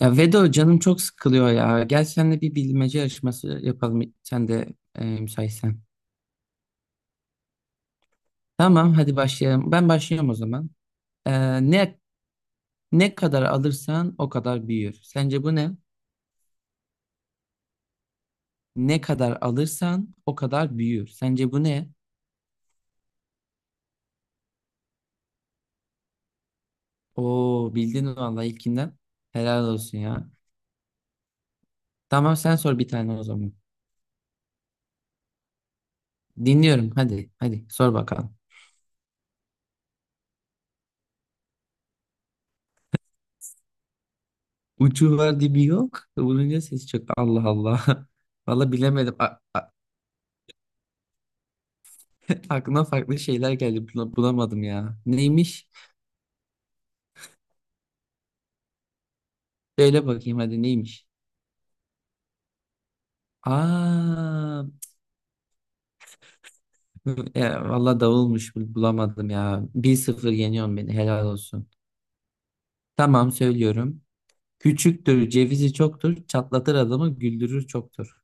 Ya Vedo canım çok sıkılıyor ya. Gel seninle bir bilmece yarışması yapalım. Sen de müsaitsen. Tamam hadi başlayalım. Ben başlıyorum o zaman. Ee, ne ne kadar alırsan o kadar büyür. Sence bu ne? Ne kadar alırsan o kadar büyür. Sence bu ne? Oo bildin vallahi ilkinden. Helal olsun ya. Tamam sen sor bir tane o zaman. Dinliyorum hadi hadi sor bakalım. Ucu var dibi yok. Vurunca ses çok. Allah Allah. Vallahi bilemedim. Aklıma farklı şeyler geldi. Bulamadım ya. Neymiş? Söyle bakayım hadi neymiş? Aa, ya, valla davulmuş bulamadım ya. 1-0 yeniyorsun beni helal olsun. Tamam söylüyorum. Küçüktür cevizi çoktur çatlatır adamı güldürür çoktur.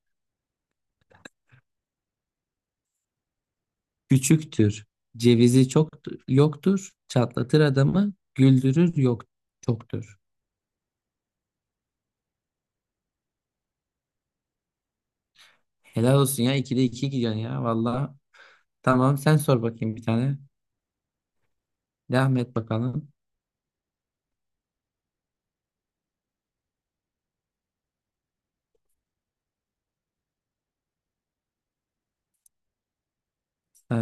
Küçüktür cevizi çok yoktur çatlatır adamı güldürür yok çoktur. Helal olsun ya 2'de iki gidiyorsun ya valla. Tamam sen sor bakayım bir tane. Devam et bakalım. Ee,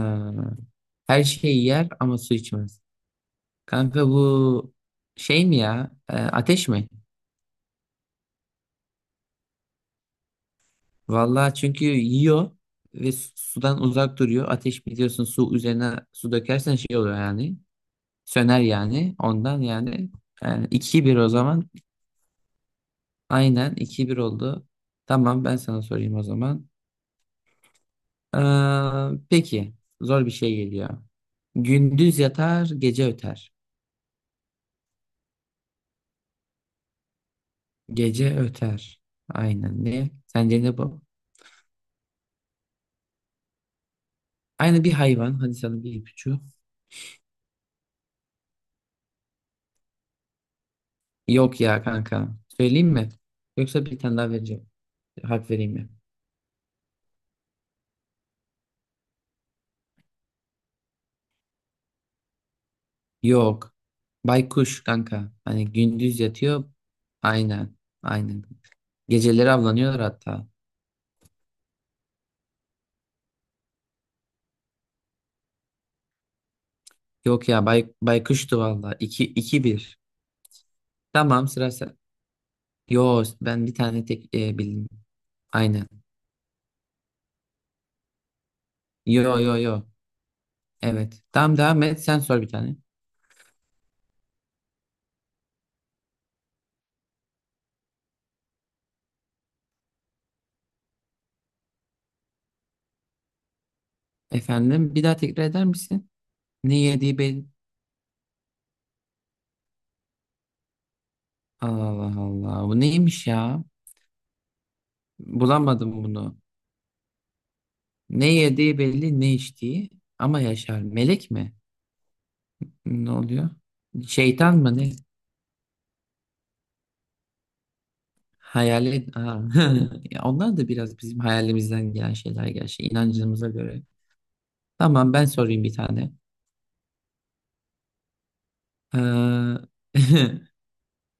Her şeyi yer ama su içmez. Kanka bu şey mi ya? Ateş mi? Vallahi çünkü yiyor ve sudan uzak duruyor. Ateş biliyorsun su üzerine su dökersen şey oluyor yani. Söner yani. Ondan yani. Yani 2-1 o zaman. Aynen 2-1 oldu. Tamam ben sana sorayım o zaman. Peki zor bir şey geliyor. Gündüz yatar, gece öter. Gece öter. Aynen ne? Sence ne bu? Aynı bir hayvan. Hadi sana bir ipucu. Yok ya kanka. Söyleyeyim mi? Yoksa bir tane daha vereceğim. Harf vereyim mi? Yok. Baykuş kanka. Hani gündüz yatıyor. Aynen. Aynen. Geceleri avlanıyorlar hatta. Yok ya baykuştu valla. İki iki bir. Tamam sıra sen. Yo ben bir tane tek bildim. Aynen. Yo yo yo. Evet. Tamam devam et. Sen sor bir tane. Efendim bir daha tekrar eder misin? Ne yediği belli. Allah Allah. Bu neymiş ya? Bulamadım bunu. Ne yediği belli, ne içtiği. Ama yaşar. Melek mi? Ne oluyor? Şeytan mı ne? Hayalet. Aa. Ya onlar da biraz bizim hayalimizden gelen şeyler gerçi. İnancımıza göre. Tamam ben sorayım bir tane. Ee,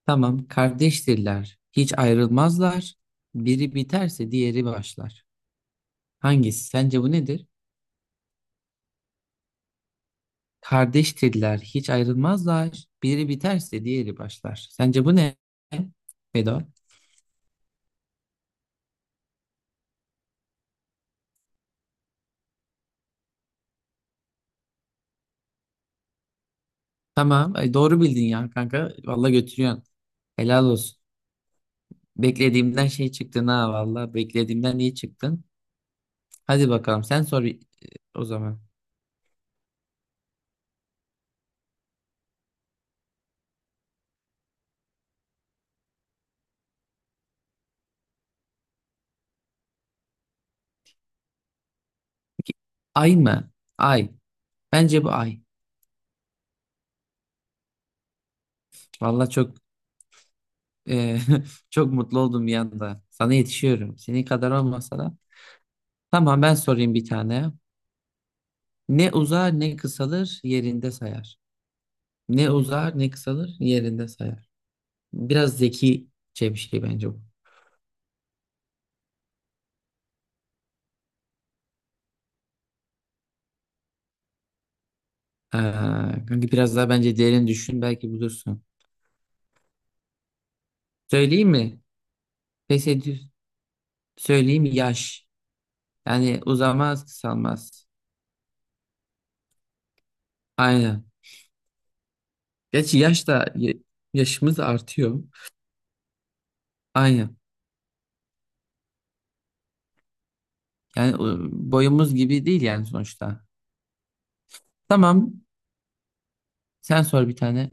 Tamam kardeştirler. Hiç ayrılmazlar. Biri biterse diğeri başlar. Hangisi? Sence bu nedir? Kardeştirler, hiç ayrılmazlar. Biri biterse diğeri başlar. Sence bu ne? Vedat? Tamam, ay doğru bildin ya kanka. Vallahi götürüyorsun. Helal olsun. Beklediğimden şey çıktın ha vallahi. Beklediğimden iyi çıktın. Hadi bakalım sen sor o zaman. Ay mı? Ay. Bence bu ay. Vallahi çok e, çok mutlu oldum bir anda. Sana yetişiyorum. Senin kadar olmasa da. Tamam ben sorayım bir tane. Ne uzar ne kısalır yerinde sayar. Ne uzar ne kısalır yerinde sayar. Biraz zekice bir şey bence bu. Ee, kanka biraz daha bence derin düşün belki bulursun. Söyleyeyim mi? Pes ediyor. Söyleyeyim mi? Yaş. Yani uzamaz kısalmaz. Aynen. Gerçi yaş da yaşımız artıyor. Aynen. Yani boyumuz gibi değil yani sonuçta. Tamam. Sen sor bir tane.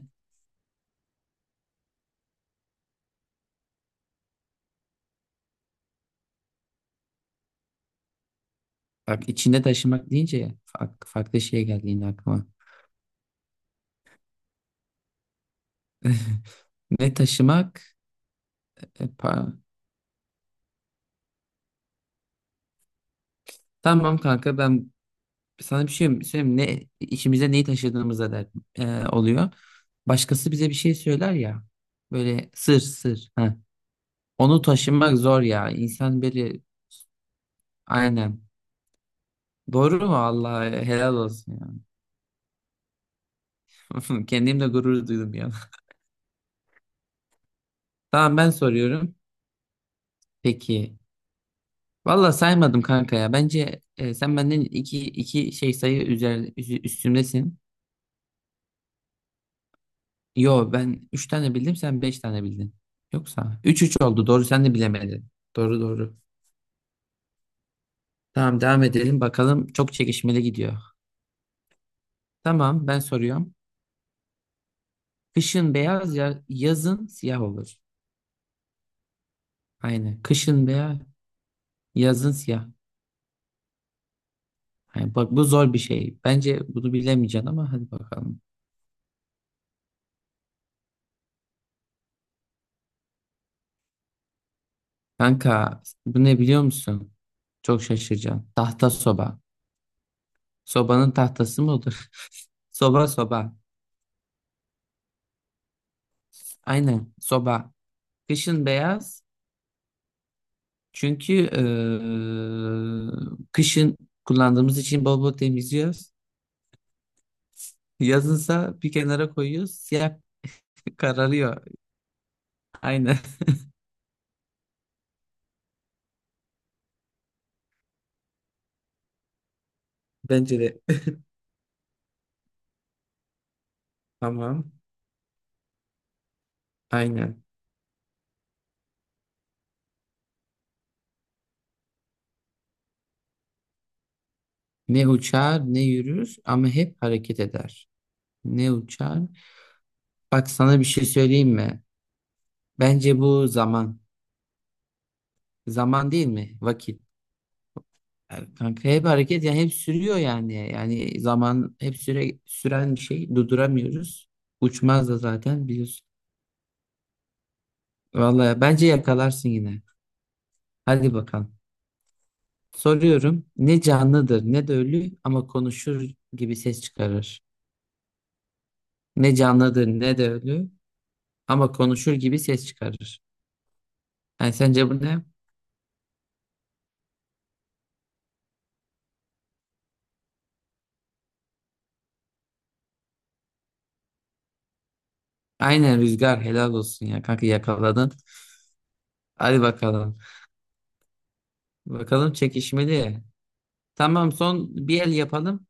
Bak içinde taşımak deyince ya, farklı şey geldi yine aklıma. Ne taşımak? E, pa- Tamam kanka ben sana bir şey söyleyeyim. Ne, içimize neyi taşıdığımıza der, oluyor. Başkası bize bir şey söyler ya. Böyle sır sır. Ha, onu taşımak zor ya. İnsan böyle aynen. Doğru mu? Allah helal olsun ya. Kendimle gurur duydum ya. Tamam ben soruyorum. Peki. Valla saymadım kanka ya. Bence sen benden iki şey sayı üstümdesin. Yo ben üç tane bildim sen beş tane bildin. Yoksa 3-3 oldu doğru sen de bilemedin. Doğru doğru. Tamam devam edelim bakalım. Çok çekişmeli gidiyor. Tamam ben soruyorum. Kışın beyaz ya yazın siyah olur. Aynen. Kışın beyaz yazın siyah. Aynen. Bak bu zor bir şey. Bence bunu bilemeyeceksin ama hadi bakalım. Kanka bu ne biliyor musun? Çok şaşıracaksın. Tahta soba. Sobanın tahtası mı olur? Soba soba. Aynen soba. Kışın beyaz çünkü kışın kullandığımız için bol bol temizliyoruz. Yazınsa bir kenara koyuyoruz. Siyah kararıyor. Aynen. Bence de. Tamam. Aynen. Ne uçar ne yürür ama hep hareket eder. Ne uçar? Bak sana bir şey söyleyeyim mi? Bence bu zaman. Zaman değil mi? Vakit. Yani kanka hep hareket yani hep sürüyor yani. Yani zaman hep süren bir şey. Durduramıyoruz. Uçmaz da zaten biliyorsun. Vallahi bence yakalarsın yine. Hadi bakalım. Soruyorum. Ne canlıdır ne de ölü ama konuşur gibi ses çıkarır. Ne canlıdır ne de ölü ama konuşur gibi ses çıkarır. Yani sence bu ne? Aynen rüzgar helal olsun ya kanka yakaladın. Hadi bakalım. Bakalım çekişmeli. Tamam son bir el yapalım.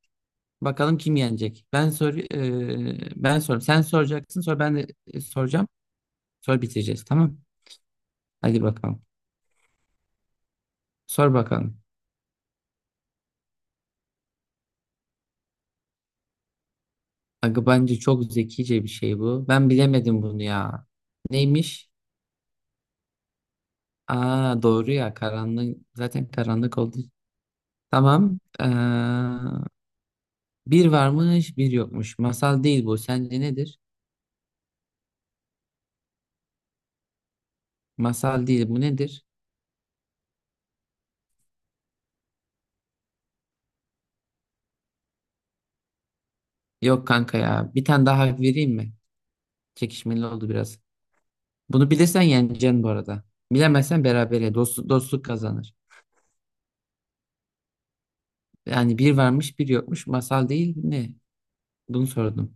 Bakalım kim yenecek. Ben sor. Sen soracaksın sonra ben de soracağım. Sonra bitireceğiz tamam. Hadi bakalım. Sor bakalım. Aga bence çok zekice bir şey bu. Ben bilemedim bunu ya. Neymiş? Aa doğru ya karanlık. Zaten karanlık oldu. Tamam. Bir varmış bir yokmuş. Masal değil bu. Sence nedir? Masal değil bu nedir? Yok kanka ya. Bir tane daha hak vereyim mi? Çekişmeli oldu biraz. Bunu bilirsen yeneceksin bu arada. Bilemezsen berabere. Dost, dostluk kazanır. Yani bir varmış bir yokmuş. Masal değil ne? Bunu sordum.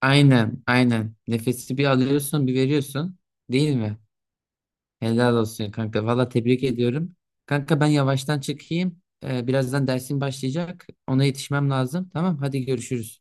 Aynen, aynen. Nefesi bir alıyorsun, bir veriyorsun. Değil mi? Helal olsun kanka. Valla tebrik ediyorum. Kanka ben yavaştan çıkayım. Birazdan dersim başlayacak. Ona yetişmem lazım. Tamam, hadi görüşürüz.